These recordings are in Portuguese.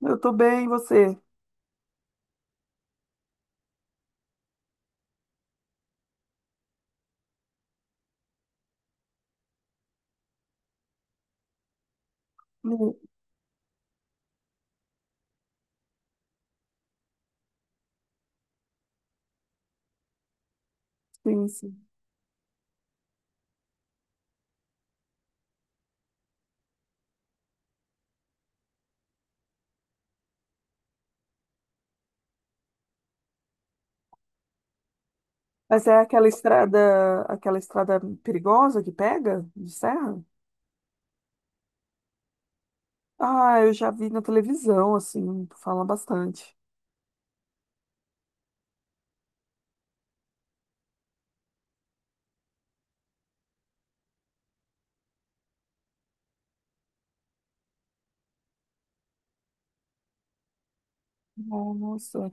Eu tô bem, e você? Hum. Sim, sim. Mas é aquela estrada perigosa que pega de serra? Ah, eu já vi na televisão, assim, falam bastante. Nossa,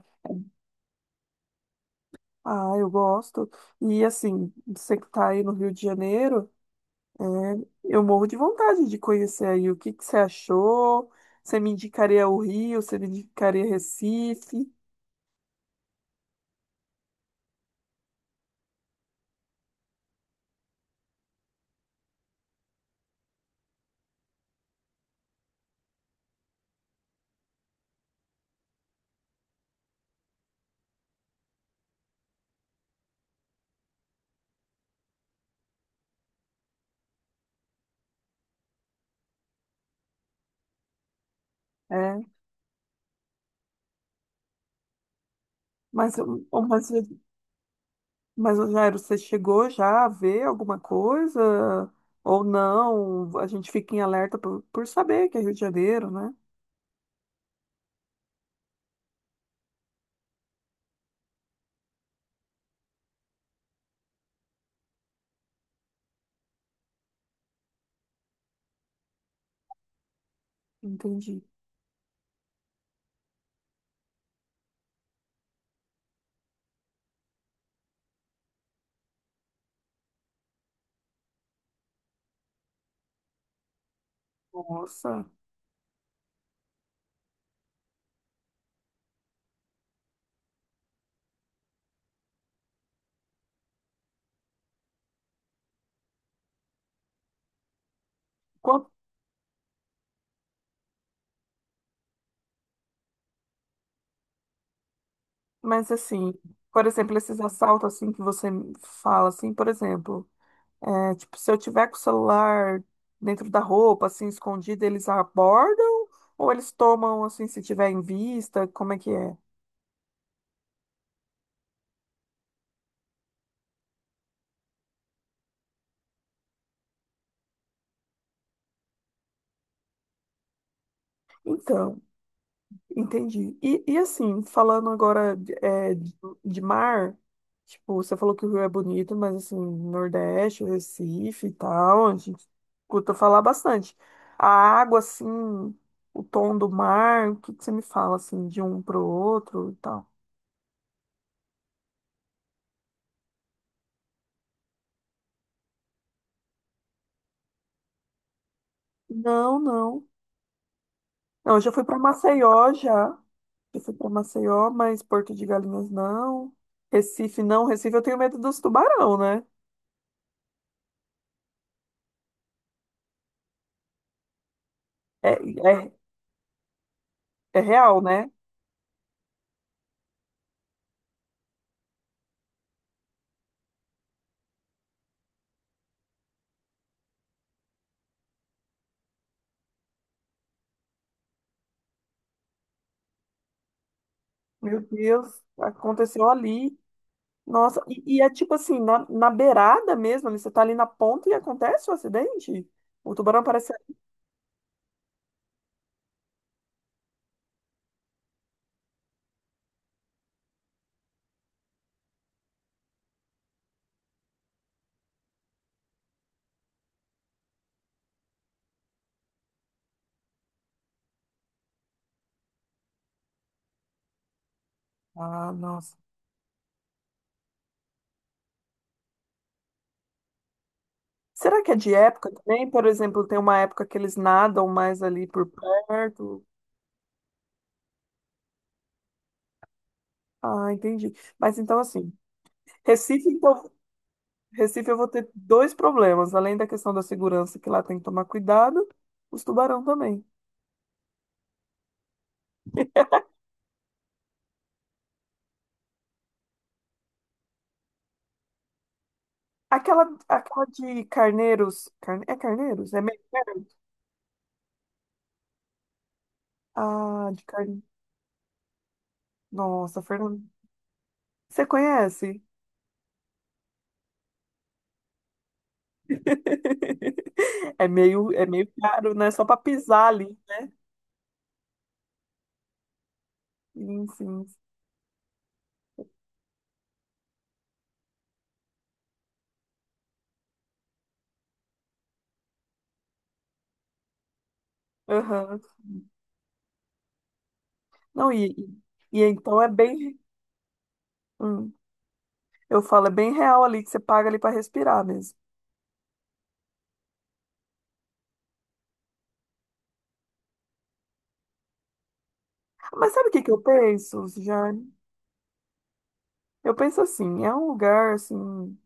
ah, eu gosto. E assim, você que tá aí no Rio de Janeiro, é, eu morro de vontade de conhecer aí. O que que você achou? Você me indicaria o Rio? Você me indicaria Recife? É, mas, mas mas, ô Jairo, você chegou já a ver alguma coisa? Ou não? A gente fica em alerta por saber que é Rio de Janeiro, né? Entendi. Nossa. Qual- Mas, assim, por exemplo, esses assaltos assim que você fala, assim, por exemplo, é, tipo, se eu tiver com o celular dentro da roupa, assim, escondido, eles abordam? Ou eles tomam, assim, se tiver em vista? Como é que é? Então. Entendi. E assim, falando agora de mar, tipo, você falou que o Rio é bonito, mas assim, Nordeste, Recife e tal, a gente escuta falar bastante. A água, assim, o tom do mar, o que que você me fala, assim, de um pro outro e tal? Não, não. Não, eu já fui para Maceió, já. Já fui para Maceió, mas Porto de Galinhas não. Recife não. Recife eu tenho medo dos tubarão, né? É, é, é real, né? Meu Deus, aconteceu ali. Nossa, e é tipo assim, na, na beirada mesmo, ali, você tá ali na ponta e acontece o acidente? O tubarão parece. Ah, nossa. Será que é de época também? Por exemplo, tem uma época que eles nadam mais ali por perto. Ah, entendi. Mas então, assim, Recife, então, Recife eu vou ter dois problemas, além da questão da segurança, que lá tem que tomar cuidado, os tubarão também. Aquela, aquela de carneiros. É carneiros? É meio perto? Ah, de carne. Nossa, Fernando, você conhece? É meio caro, né? Só para pisar ali, né? Sim, sim. Aham. Não, e então é bem. hum, eu falo, é bem real ali que você paga ali para respirar mesmo. Mas sabe o que que eu penso, Jane? Eu penso assim, é um lugar assim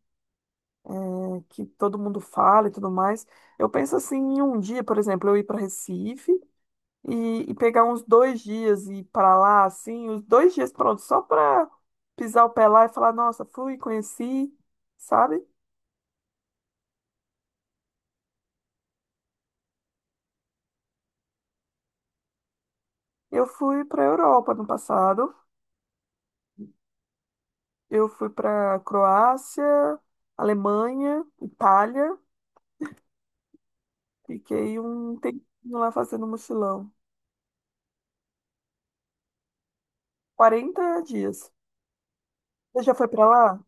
é, que todo mundo fala e tudo mais. Eu penso assim, em um dia, por exemplo, eu ir para Recife e pegar uns 2 dias e ir pra lá, assim, os 2 dias, pronto, só pra pisar o pé lá e falar, nossa, fui, conheci, sabe? Eu fui pra Europa no passado, eu fui pra Croácia, Alemanha, Itália, fiquei um tempinho lá fazendo mochilão, 40 dias. Você já foi pra lá?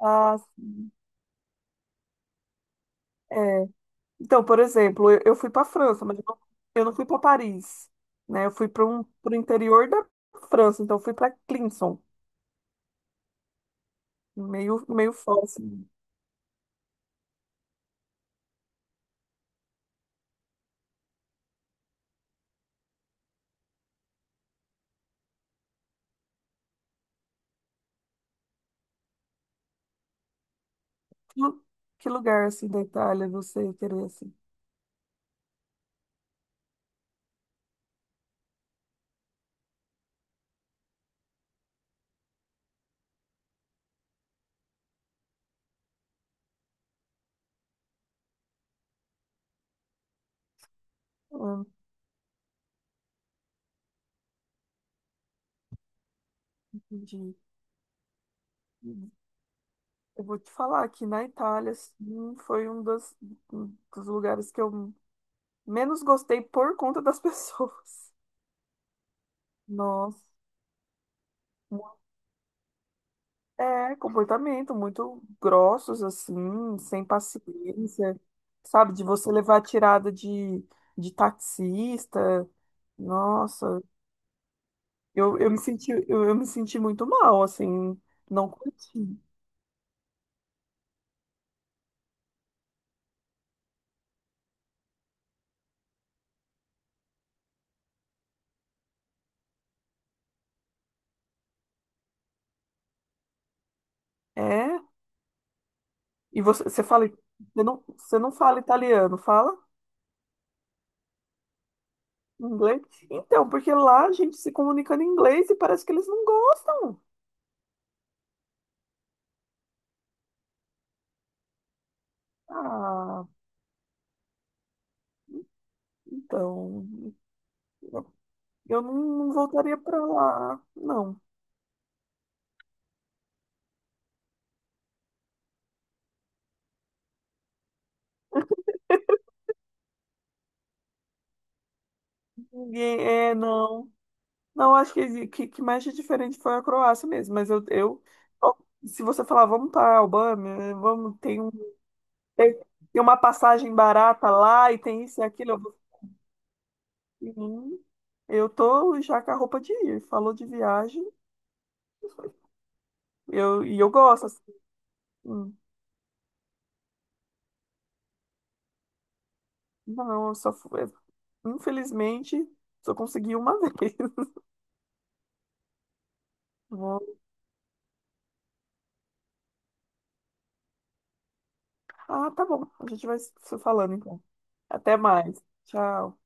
Ah, é. Então, por exemplo, eu fui para a França, mas eu não, eu não fui para Paris, né? Eu fui para o interior da França, então eu fui para Clinson, meio, meio fora, assim. Que, lu- que lugar, assim, da Itália você querer, assim? Hum, entendi. Eu vou te falar que na Itália, assim, foi um dos lugares que eu menos gostei por conta das pessoas. Nossa. É, comportamento muito grossos, assim, sem paciência, sabe? De você levar tirada de taxista. Nossa, eu me senti, eu me senti muito mal, assim, não curti. É? E você, você fala, você não fala italiano, fala inglês? Então, porque lá a gente se comunica em inglês e parece que eles não gostam. Ah, então, eu não, não voltaria pra lá, não. Ninguém, é, não. Não, acho que mais de diferente foi a Croácia mesmo, mas eu se você falar, vamos para a Albânia, né, vamos, tem, tem uma passagem barata lá e tem isso e aquilo, eu, vou- Hum, eu tô já com a roupa de ir, falou de viagem, eu, e eu gosto, assim. Hum. Não, eu só fui, infelizmente, só consegui uma vez. Vou- Ah, tá bom, a gente vai se falando então. Até mais, tchau.